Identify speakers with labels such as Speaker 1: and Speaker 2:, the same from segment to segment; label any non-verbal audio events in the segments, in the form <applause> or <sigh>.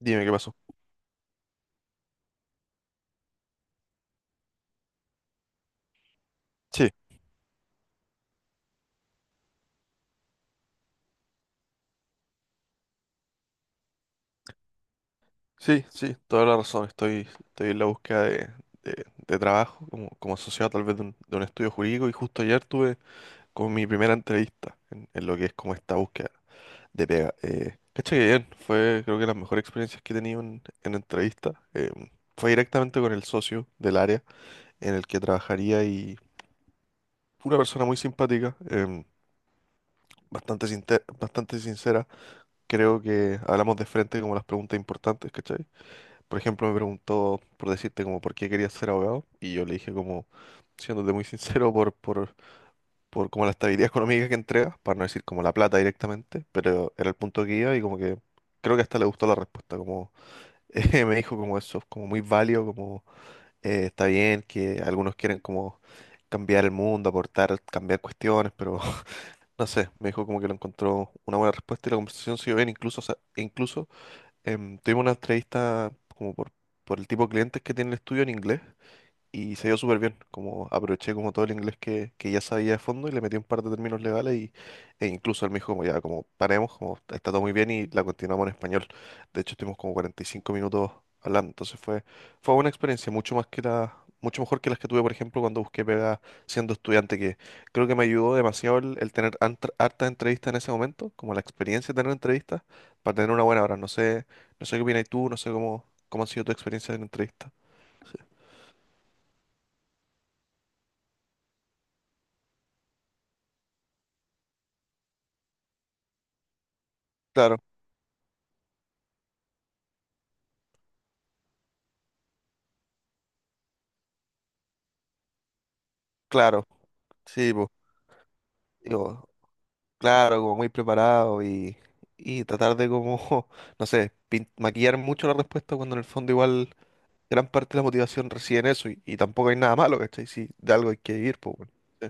Speaker 1: Dime qué pasó. Sí, sí, sí, toda la razón. Estoy en la búsqueda de trabajo como asociado tal vez de un estudio jurídico y justo ayer tuve como mi primera entrevista en lo que es como esta búsqueda de pega. Cacha que bien, fue creo que las mejores experiencias que he tenido en entrevista. Fue directamente con el socio del área en el que trabajaría y una persona muy simpática, bastante sincera. Creo que hablamos de frente como las preguntas importantes, ¿cachai? Por ejemplo, me preguntó por decirte como por qué querías ser abogado y yo le dije como, siéndote muy sincero, por como la estabilidad <laughs> económica que entrega, para no decir como la plata directamente, pero era el punto que iba y como que creo que hasta le gustó la respuesta, como <laughs> me dijo como eso, como muy válido, como está bien que algunos quieren como cambiar el mundo, aportar, cambiar cuestiones, pero <laughs> no sé, me dijo como que lo encontró una buena respuesta y la conversación siguió bien, incluso, o sea, incluso tuvimos una entrevista como por el tipo de clientes que tiene el estudio en inglés y se dio súper bien. Como aproveché como todo el inglés que ya sabía de fondo y le metí un par de términos legales e incluso él me dijo como ya, como paremos, como está todo muy bien y la continuamos en español. De hecho, estuvimos como 45 minutos hablando. Entonces fue una experiencia mucho mejor que las que tuve, por ejemplo, cuando busqué pega siendo estudiante, que creo que me ayudó demasiado el tener hartas entrevistas en ese momento, como la experiencia de tener entrevistas para tener una buena hora. No sé qué opinas tú, no sé cómo ha sido tu experiencia en entrevista. Claro, claro. Sí, pues, digo, claro, como muy preparado y tratar de como, <laughs> no sé, maquillar mucho la respuesta cuando en el fondo igual gran parte de la motivación reside en eso y tampoco hay nada malo, ¿cachai? Si de algo hay que vivir, pues, bueno, sí,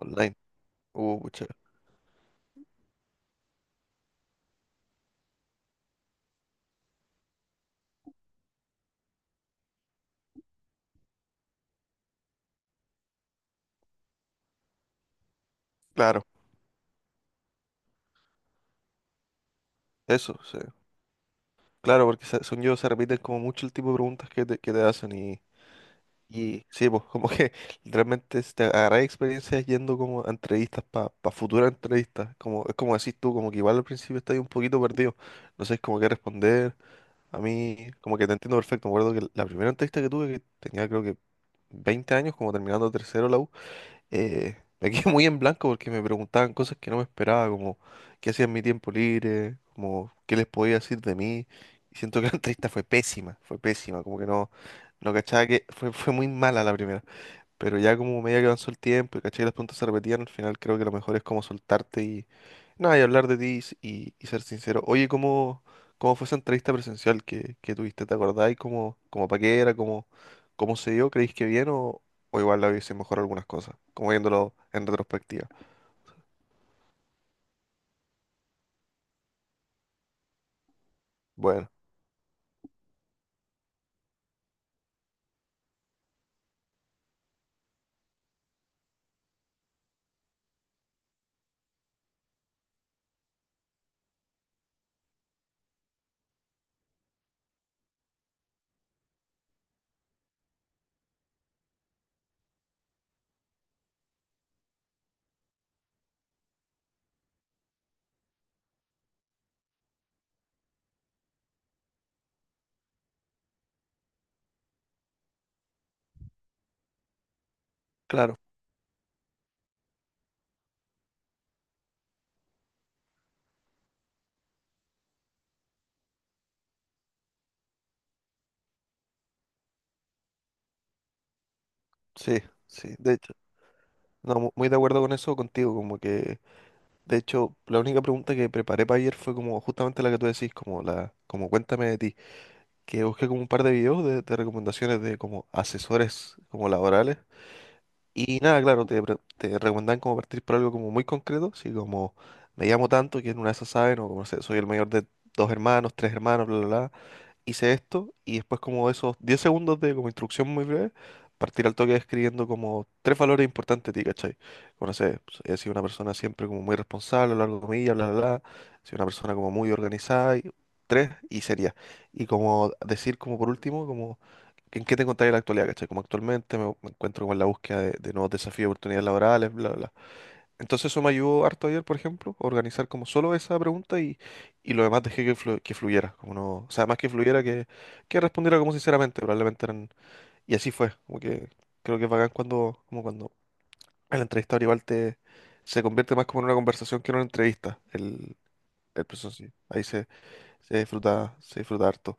Speaker 1: online. Pucha, claro, eso, sí. Claro, porque según yo se repiten como mucho el tipo de preguntas que te hacen y sí, pues como que <laughs> realmente si te agarráis experiencias yendo como a entrevistas para futuras entrevistas. Como, es como decís tú, como que igual al principio estás un poquito perdido. No sabes como qué responder. A mí, como que te entiendo perfecto. Me acuerdo que la primera entrevista que tuve, que tenía creo que 20 años, como terminando tercero la U, me quedé <laughs> muy en blanco porque me preguntaban cosas que no me esperaba, como qué hacía en mi tiempo libre, como qué les podía decir de mí. Y siento que la <laughs> entrevista fue pésima, como que no, no cachaba que fue muy mala la primera. Pero ya como medida que avanzó el tiempo y caché que las preguntas se repetían, al final creo que lo mejor es como soltarte y nada, y hablar de ti y ser sincero. Oye, ¿cómo fue esa entrevista presencial que tuviste? ¿Te acordás? ¿Y cómo pa' qué era? ¿Cómo se dio? ¿Creéis que bien o igual la hubiese mejor algunas cosas? Como viéndolo en retrospectiva. Bueno, claro, sí, sí, de hecho. No, muy de acuerdo con eso contigo, como que, de hecho, la única pregunta que preparé para ayer fue como justamente la que tú decís, como como cuéntame de ti. Que busqué como un par de videos de recomendaciones de como asesores como laborales. Y nada, claro, te recomendan como partir por algo como muy concreto, así como me llamo tanto, que en una de esas saben, o como no sé, soy el mayor de dos hermanos, tres hermanos, bla, bla, bla hice esto y después como esos 10 segundos de como instrucción muy breve, partir al toque escribiendo como tres valores importantes de ti, ¿cachai? Como no sé, pues, he sido una persona siempre como muy responsable a lo largo de mi vida, bla, bla, bla, he sido una persona como muy organizada, y, tres y seria. Y como decir como por último, como que en qué te encontrás en la actualidad, ¿cachai? Como actualmente me encuentro como en la búsqueda de nuevos desafíos, y oportunidades laborales, bla, bla. Entonces eso me ayudó harto ayer, por ejemplo, a organizar como solo esa pregunta y lo demás dejé que fluyera, como no, o sea, más que fluyera que respondiera como sinceramente, probablemente eran, y así fue, como que creo que es bacán cuando, como cuando el entrevistador igual se convierte más como en una conversación que en una entrevista, el proceso en sí, ahí se disfruta, se disfruta harto.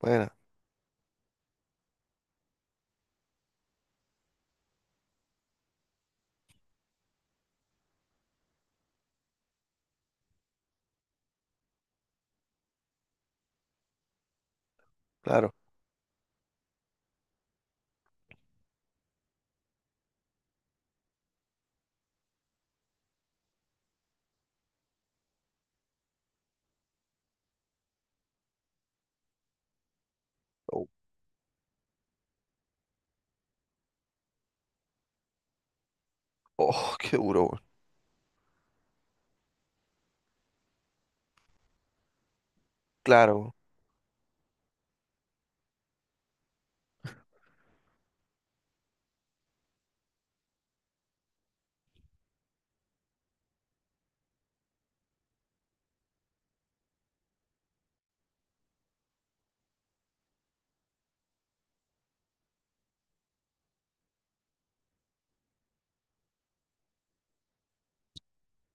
Speaker 1: Bueno, claro, oh, oh, <laughs> qué duro, weón. Claro, weón.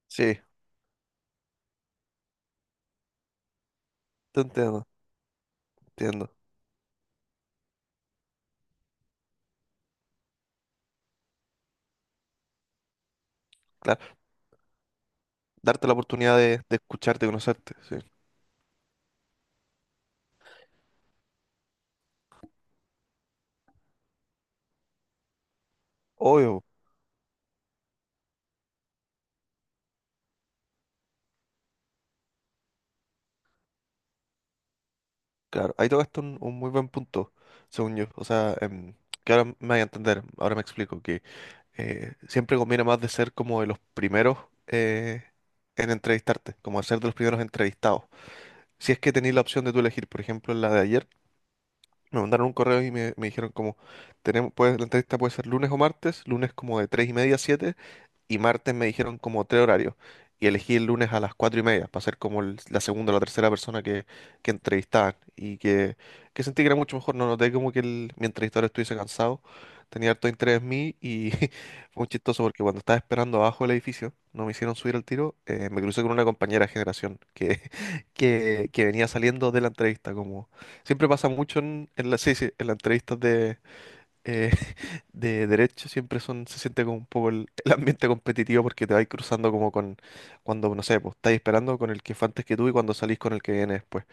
Speaker 1: Sí, te entiendo, entiendo, claro, darte la oportunidad de escucharte, conocerte, sí, obvio. Claro, ahí tocaste un muy buen punto, según yo. O sea, que ahora me voy a entender, ahora me explico, que siempre conviene más de ser como de los primeros eh, en entrevistarte, como de ser de los primeros entrevistados. Si es que tenéis la opción de tú elegir, por ejemplo, en la de ayer, me mandaron un correo y me dijeron como, tenemos, pues, la entrevista puede ser lunes o martes, lunes como de 3:30 a 7 y martes me dijeron como tres horarios. Y elegí el lunes a las 4:30 para ser como la segunda o la tercera persona que entrevistaban. Y que sentí que era mucho mejor. No noté como que mi entrevistador estuviese cansado. Tenía harto interés en mí y <laughs> fue muy chistoso porque cuando estaba esperando abajo del edificio, no me hicieron subir al tiro, me crucé con una compañera de generación que, <laughs> que venía saliendo de la entrevista. Como siempre pasa mucho en sí, sí, en las entrevistas eh, de derecho siempre son, se siente como un poco el ambiente competitivo porque te vais cruzando como con, cuando, no sé, pues estáis esperando con el que fue antes que tú y cuando salís con el que viene después.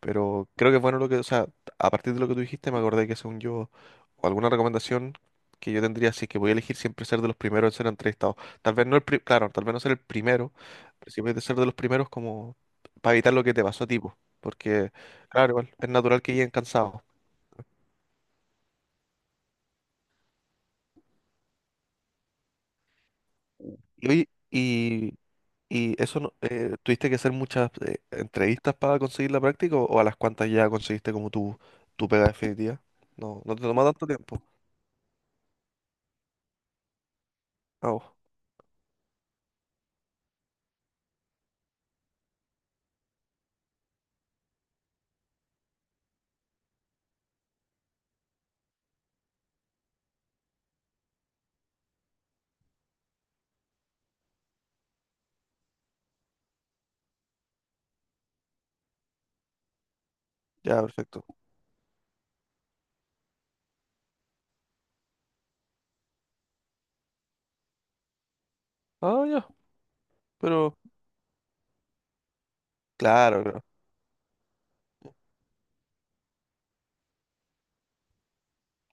Speaker 1: Pero creo que es bueno lo que, o sea, a partir de lo que tú dijiste me acordé que según yo, o alguna recomendación que yo tendría, si es que voy a elegir siempre ser de los primeros en ser entrevistados. Tal vez no claro, tal vez no ser el primero, pero sí puedes ser de los primeros como para evitar lo que te pasó a ti, po. Porque, claro, igual, es natural que lleguen cansados. Oye, ¿Y eso tuviste que hacer muchas entrevistas para conseguir la práctica o a las cuantas ya conseguiste como tu pega definitiva? No, no te toma tanto tiempo. Ah, oh, ya, perfecto. Ah, ya, pero claro, claro.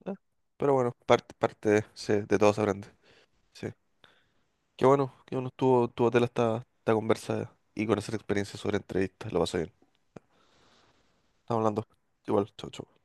Speaker 1: eh, Pero bueno, parte de, sí, de todo se aprende. Sí. Qué bueno estuvo tu tela esta, conversa y con esa experiencia sobre entrevistas. Lo pasé bien. Estamos hablando. Igual, chau, chau.